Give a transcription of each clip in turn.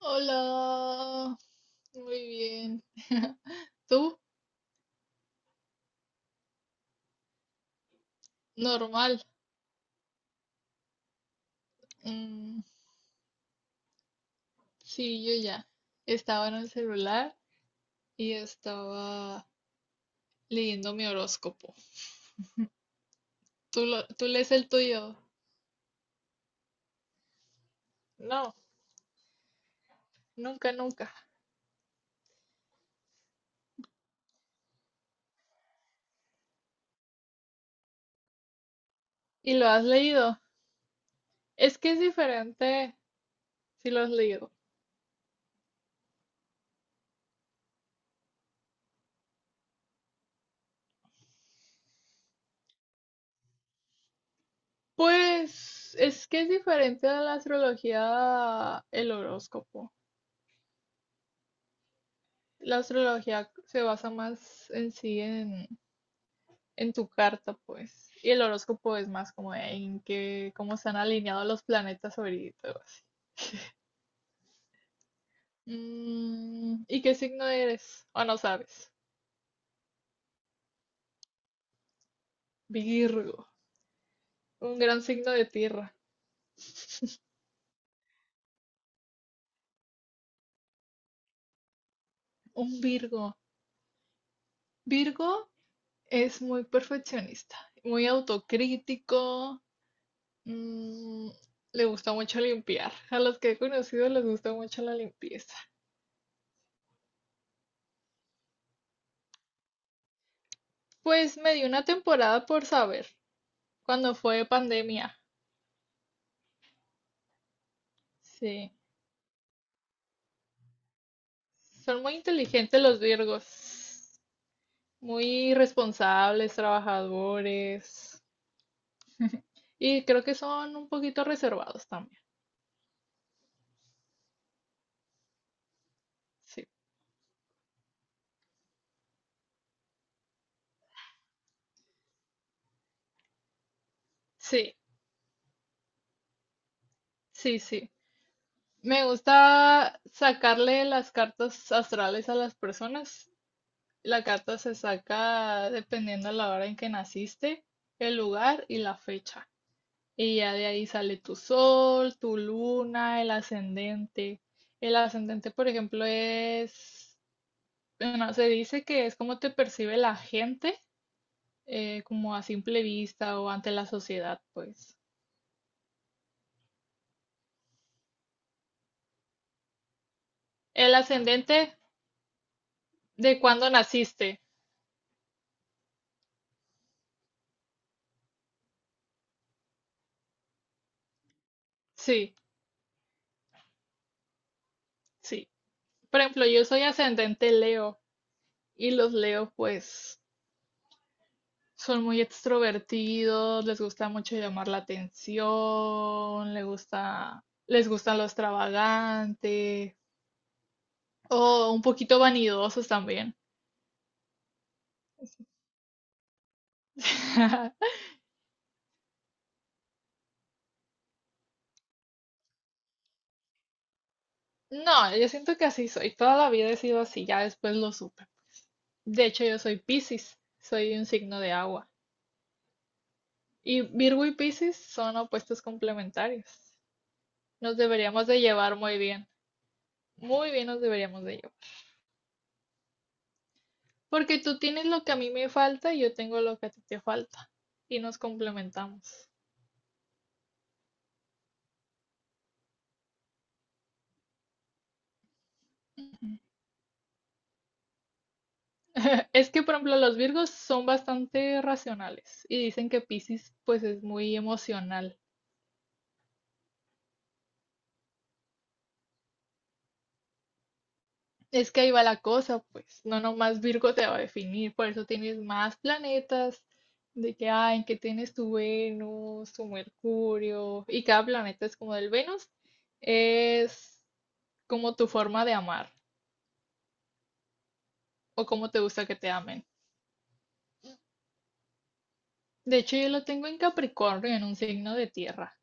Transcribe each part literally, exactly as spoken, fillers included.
Hola, muy bien. ¿Tú? Normal. Mm, sí, yo ya. Estaba en el celular y estaba leyendo mi horóscopo. ¿Tú, lo- tú lees el tuyo? No, nunca, nunca. ¿Y lo has leído? Es que es diferente si lo has leído. Pues es que es diferente a la astrología el horóscopo. La astrología se basa más en sí en en tu carta, pues. Y el horóscopo es más como de en qué cómo están alineados los planetas ahorita o así. Mm, ¿y qué signo eres? O no sabes. Virgo, un gran signo de tierra. Un Virgo. Virgo es muy perfeccionista, muy autocrítico. mm, Le gusta mucho limpiar. A los que he conocido les gusta mucho la limpieza. Pues me dio una temporada por saber, cuando fue pandemia. Sí. Son muy inteligentes los Virgos, muy responsables, trabajadores y creo que son un poquito reservados también. Sí, sí, sí, sí. Me gusta sacarle las cartas astrales a las personas. La carta se saca dependiendo de la hora en que naciste, el lugar y la fecha. Y ya de ahí sale tu sol, tu luna, el ascendente. El ascendente, por ejemplo, es. Bueno, se dice que es como te percibe la gente, eh, como a simple vista o ante la sociedad, pues. El ascendente de cuando naciste. Sí, sí. Por ejemplo, yo soy ascendente Leo y los Leo, pues, son muy extrovertidos, les gusta mucho llamar la atención, les gusta, les gusta lo extravagante o un poquito vanidosos también. No, yo siento que así soy. Toda la vida he sido así, ya después lo supe. De hecho, yo soy Piscis, soy un signo de agua. Y Virgo y Piscis son opuestos complementarios. Nos deberíamos de llevar muy bien. Muy bien nos deberíamos de llevar. Porque tú tienes lo que a mí me falta y yo tengo lo que a ti te falta. Y nos complementamos. Es que, por ejemplo, los Virgos son bastante racionales y dicen que Piscis pues es muy emocional. Es que ahí va la cosa, pues, no nomás Virgo te va a definir, por eso tienes más planetas, de que, ah, en que tienes tu Venus, tu Mercurio, y cada planeta es como del Venus, es como tu forma de amar, o como te gusta que te amen. De hecho, yo lo tengo en Capricornio, en un signo de tierra,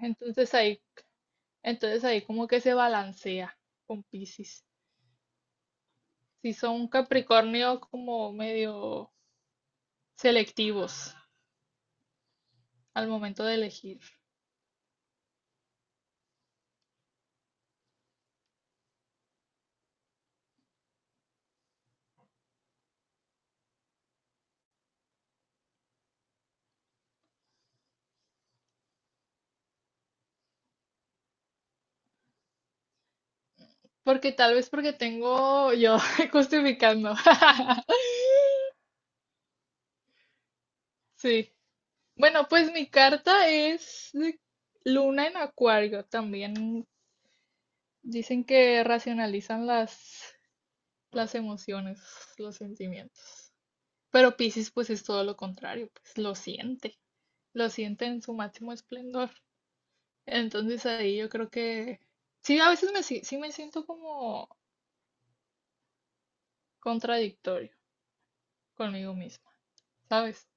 entonces ahí, entonces ahí como que se balancea con Piscis. Si son Capricornio como medio selectivos al momento de elegir. Porque tal vez porque tengo yo justificando. Sí. Bueno, pues mi carta es de Luna en Acuario. También dicen que racionalizan las, las emociones, los sentimientos. Pero Piscis pues es todo lo contrario, pues lo siente, lo siente en su máximo esplendor. Entonces ahí yo creo que sí, a veces me, si- sí me siento como contradictorio conmigo misma, ¿sabes?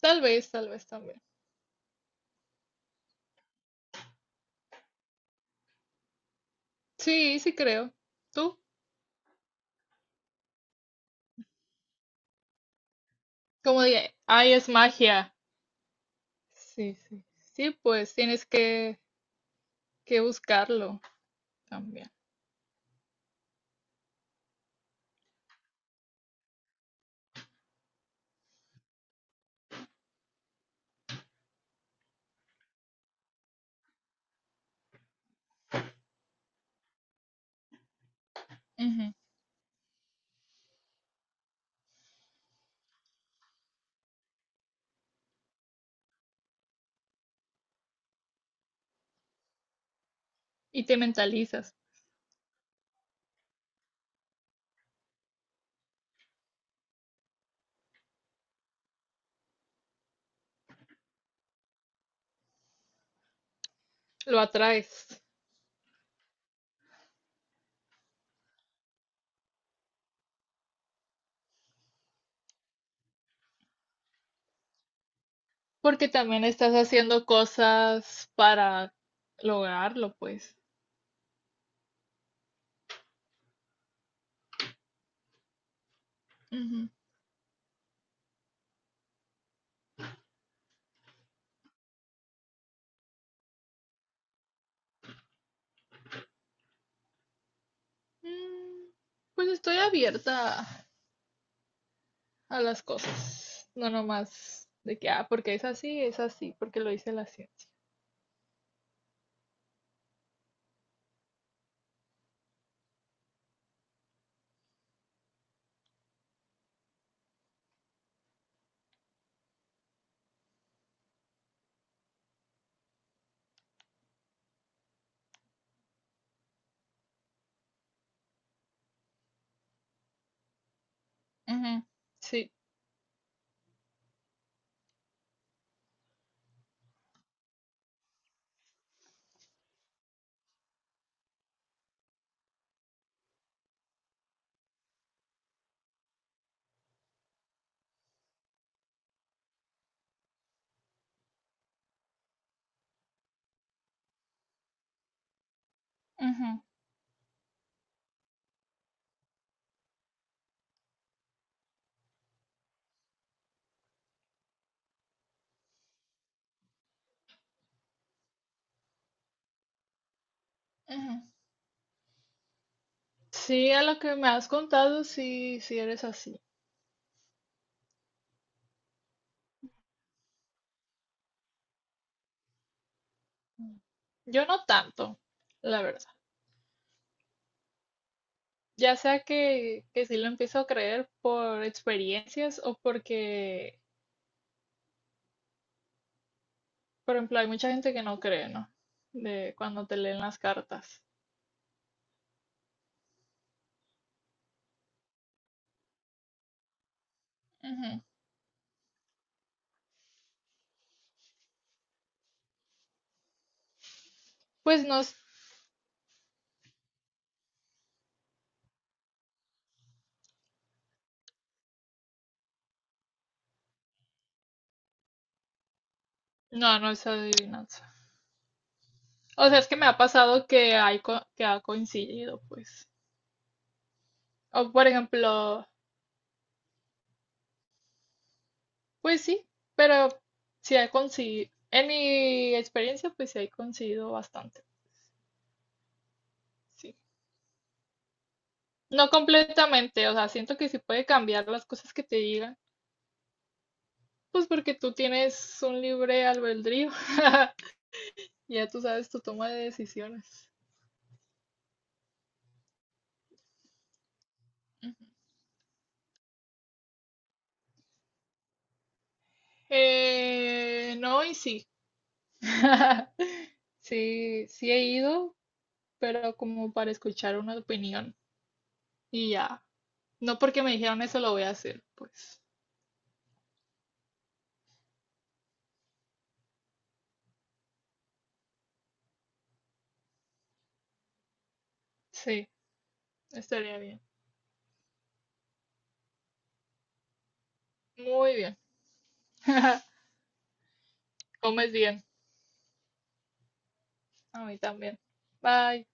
Tal vez, tal vez también. Sí, sí creo. ¿Tú? Como dije, ay, es magia. Sí, sí. Sí, pues tienes que, que buscarlo también. Ujú. Y te mentalizas, lo atraes. Porque también estás haciendo cosas para lograrlo, pues. Ujú. Mm, Pues estoy abierta a las cosas. No nomás de que, ah, porque es así, es así, porque lo dice la ciencia. Ujú. Sí. Ujú, ujú. Sí, a lo que me has contado, sí, sí eres así. Mm. Yo no tanto, la verdad. Ya sea que, que sí lo empiezo a creer por experiencias o porque, por ejemplo, hay mucha gente que no cree, ¿no? De cuando te leen las cartas. Ujú. Pues no es, no, no es adivinanza. O sea, es que me ha pasado que hay co- que ha coincidido, pues. O por ejemplo, pues sí, pero sí ha coincidido. En mi experiencia, pues sí ha coincidido bastante. Sí, no completamente, o sea, siento que sí puede cambiar las cosas que te digan, pues porque tú tienes un libre albedrío, ya tú sabes tu toma de decisiones. Eh, no, y sí, sí, sí he ido, pero como para escuchar una opinión y ya, no porque me dijeron eso lo voy a hacer, pues sí, estaría bien, muy bien, comes bien, a mí también, bye.